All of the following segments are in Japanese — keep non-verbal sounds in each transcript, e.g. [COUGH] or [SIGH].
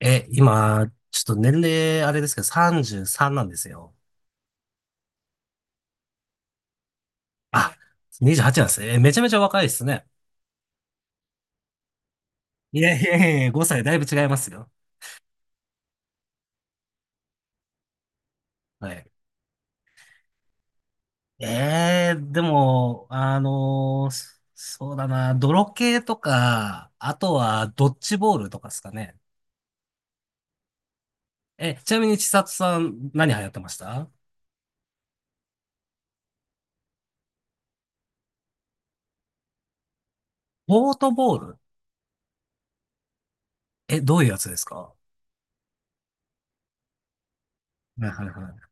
今、ちょっと年齢あれですけど、33なんですよ。あ、28なんですね。めちゃめちゃ若いですね。いやいやいやごさい5歳だいぶ違いますよ。はい。でも、そうだな、泥系とか、あとはドッジボールとかですかね。ちなみに千里さん、何流行ってました？ボートボール？どういうやつですか？はいはいは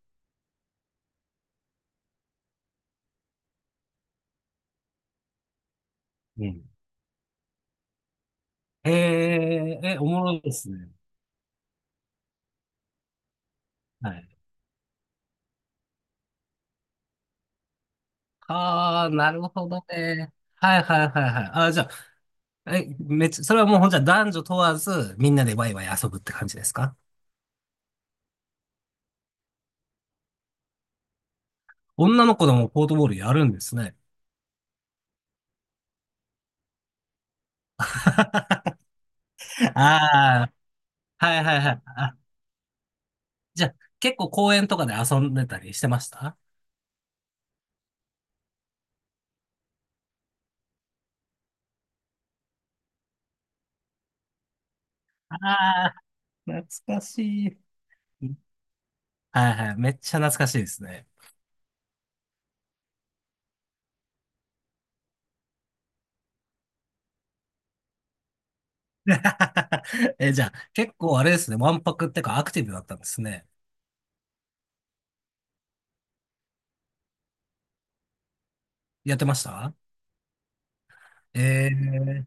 い。うん。おもろいですね。はい。ああ、なるほどね。はいはいはいはい。ああ、じゃあ、めっちゃ、それはもうほんじゃ男女問わず、みんなでワイワイ遊ぶって感じですか？女の子でもポートボールやるんですね。[LAUGHS] ああ、はいはいはい。あ、じゃあ、結構公園とかで遊んでたりしてました？ああー、懐かしい。はいはい。めっちゃ懐かしいですね。[LAUGHS] じゃあ、結構あれですね。わんぱくってかアクティブだったんですね。やってました？ええ、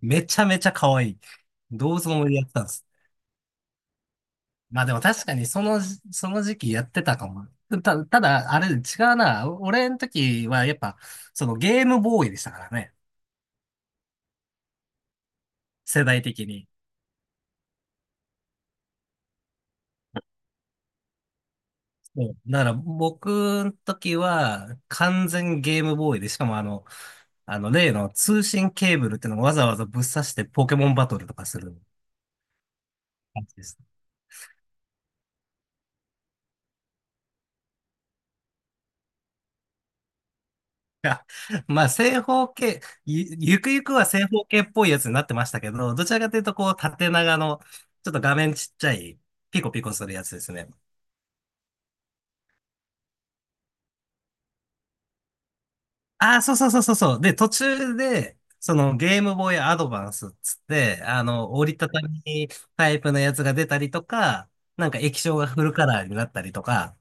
めちゃめちゃ可愛い。どうぞもやってたんです？まあでも確かにその時期やってたかも。ただ、あれ違うな。俺の時はやっぱ、そのゲームボーイでしたからね。世代的に。そうだから僕の時は完全ゲームボーイで、しかもあの例の通信ケーブルっていうのをわざわざぶっ刺してポケモンバトルとかする感じです。[LAUGHS] やまあ、正方形、ゆくゆくは正方形っぽいやつになってましたけど、どちらかというと、こう、縦長の、ちょっと画面ちっちゃい、ピコピコするやつですね。ああ、そうそうそうそうそう。で、途中で、そのゲームボーイアドバンスっつって、あの、折りたたみタイプのやつが出たりとか、なんか液晶がフルカラーになったりとか、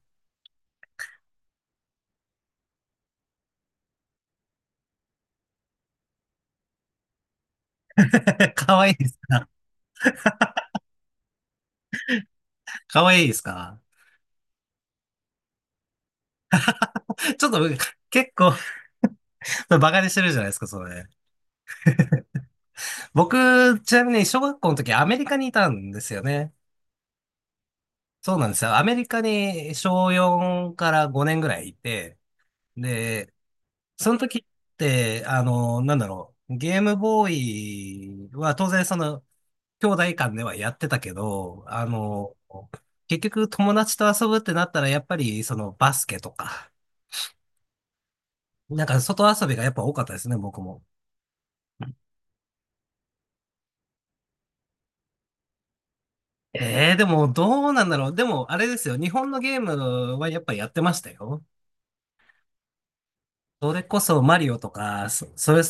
[LAUGHS] かわいいです。かわいいですか？ちょっと結構、バカにしてるじゃないですか、それ。僕、ちなみに小学校の時アメリカにいたんですよね。そうなんですよ。アメリカに小4から5年ぐらいいて、で、その時って、あの、なんだろう、ゲームボーイは当然その、兄弟間ではやってたけど、あの、結局友達と遊ぶってなったら、やっぱりそのバスケとか、なんか外遊びがやっぱ多かったですね、僕も。でもどうなんだろう。でもあれですよ、日本のゲームはやっぱやってましたよ。それこそマリオとか、それ、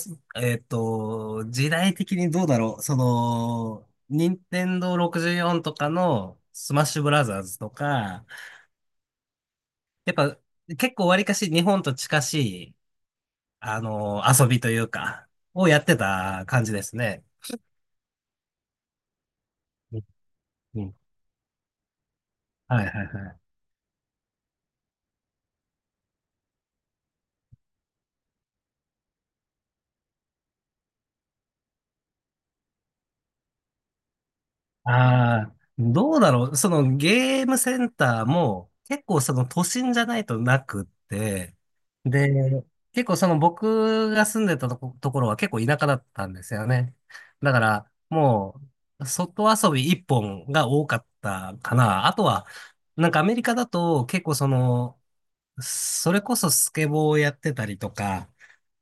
時代的にどうだろう。その、任天堂64とかのスマッシュブラザーズとか、やっぱ結構わりかし日本と近しい、あの、遊びというか、をやってた感じですね。うん。うん。はいはいはい。ああ、どうだろう。そのゲームセンターも結構その都心じゃないとなくって、で、結構その僕が住んでたところは結構田舎だったんですよね。だからもう外遊び一本が多かったかな。あとは、なんかアメリカだと結構その、それこそスケボーをやってたりとか、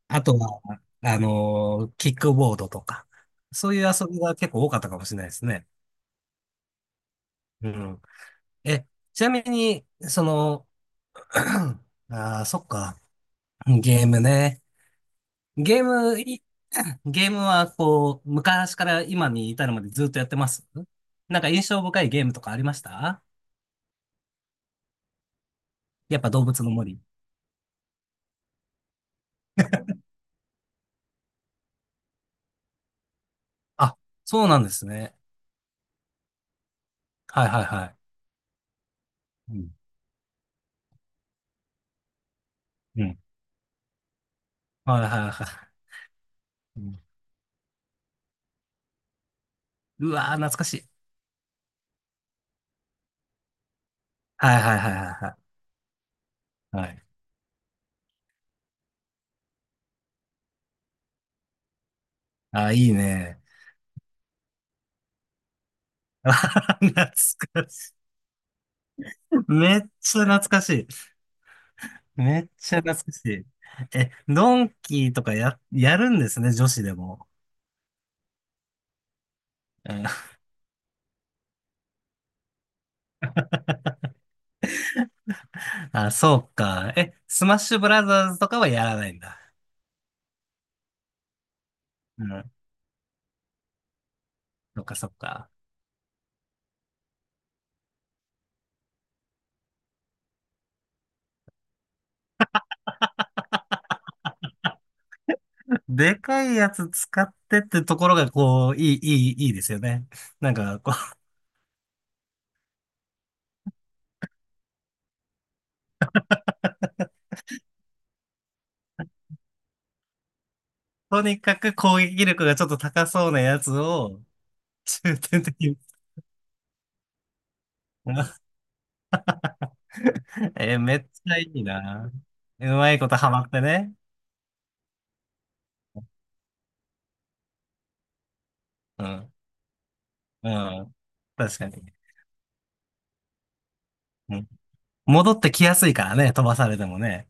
あとは、あの、キックボードとか、そういう遊びが結構多かったかもしれないですね。うん。え、ちなみに、その、[CLEARS THROAT] ああ、そっか。ゲームね。ゲーム、い [CLEARS THROAT] ゲームはこう、昔から今に至るまでずっとやってます？なんか印象深いゲームとかありました？やっぱ動物の森。あ、そうなんですね。はいはいはい。うん。うん。はいはいはい。うん。うわー、懐かしい。はいはいはいはいはい。はい。あー、いいね。[LAUGHS] 懐かしい。めっちゃ懐かしい。めっちゃ懐かしい。ドンキーとかやるんですね、女子でも？うん。[LAUGHS] あ、そうか。スマッシュブラザーズとかはやらないんだ。うん。そっかそっか。でかいやつ使ってってところが、こう、いい、いい、いいですよね。なんか、こう、とにかく攻撃力がちょっと高そうなやつを、重点的に。[LAUGHS] めっちゃいいな。うまいことハマってね。うん。うん。確かに。戻ってきやすいからね、飛ばされてもね。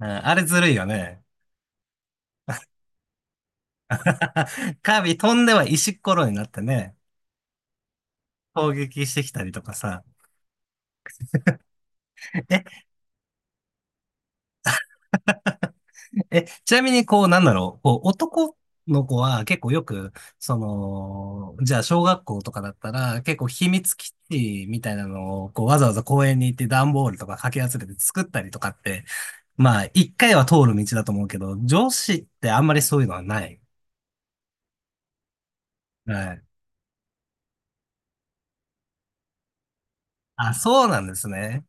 うん、あれずるいよね。[LAUGHS] カービィ飛んでは石っころになってね、攻撃してきたりとかさ。え、ちなみにこう、なんだろう、こう、男の子は結構よく、その、じゃあ小学校とかだったら、結構秘密基地みたいなのを、こう、わざわざ公園に行って段ボールとかかき集めて作ったりとかって、まあ、一回は通る道だと思うけど、女子ってあんまりそういうのはない？はい。あ、そうなんですね。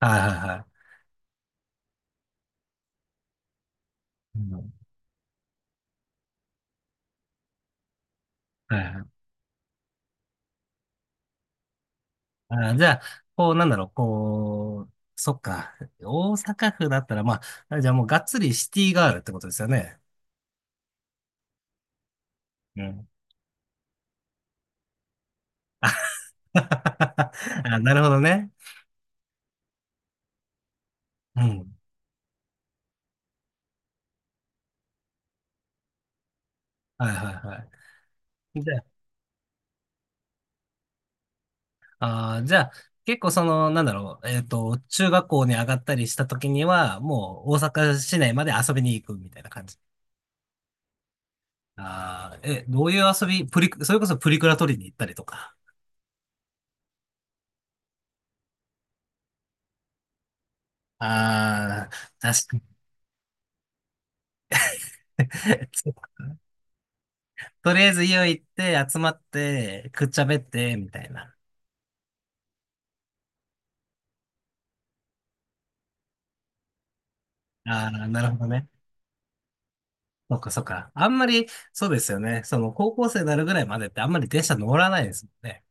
はいはいはい。うん。はいはい。あー、じゃあ、こう、なんだろう、こう、そっか。大阪府だったら、まあ、じゃあもうがっつりシティガールってことですよね。うん。[LAUGHS] あ、なるほどね。うん。はいはいはい。じゃあ、結構その、なんだろう、中学校に上がったりした時には、もう大阪市内まで遊びに行くみたいな感じ。ああ、どういう遊び、プリク、それこそプリクラ取りに行ったりとか。ああ、確かに。[LAUGHS] とりあえず家を行って集まってくっちゃべってみたいな。ああ、なるほどね。そっかそっか。あんまり、そうですよね。その高校生になるぐらいまでってあんまり電車乗らないですもんね。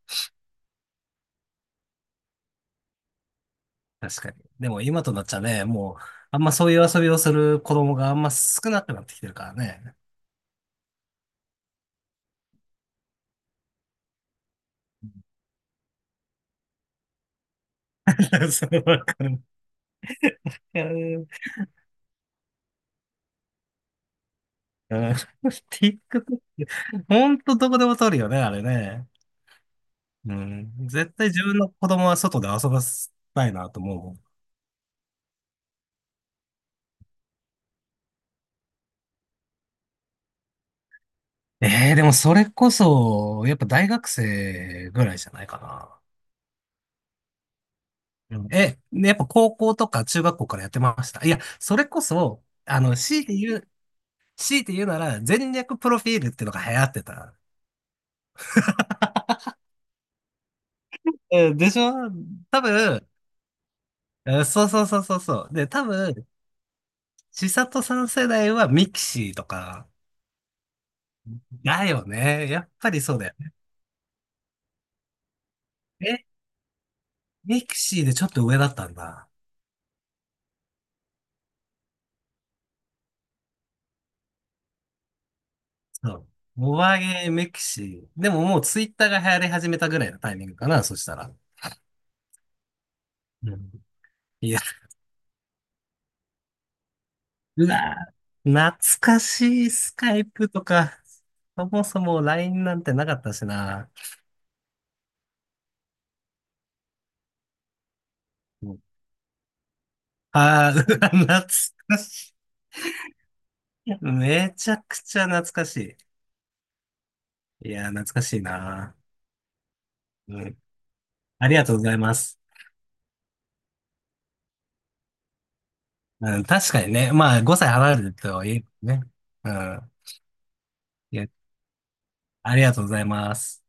確かに。でも今となっちゃね、もう、あんまそういう遊びをする子供があんま少なくなってきてるからね。[LAUGHS] そうわかる。うん。うん。 TikTok [LAUGHS]、ほんとどこでも撮るよね、あれね。うん。絶対自分の子供は外で遊ばせたいなと思うもん。えでもそれこそ、やっぱ大学生ぐらいじゃないかな。うん。やっぱ高校とか中学校からやってました。いや、それこそ、あの、強いて言うなら、全略プロフィールっていうのが流行ってた。でしょ？多分、そうそうそうそうそう。で、多分、千里さん世代はミクシーとか、だよね。やっぱりそうだよね。え、ミクシーでちょっと上だったんだ。そう。モバゲーメキシー。でももうツイッターが流行り始めたぐらいのタイミングかな、そしたら。うん。いや、うわー、懐かしいスカイプとか、そもそも LINE なんてなかったしな。ああー、うわ懐かしい。めちゃくちゃ懐かしい。いやー、懐かしいな。うん。ありがとうございます。うん、確かにね。まあ、5歳離れてるとはいえね。うん。いや、ありがとうございます。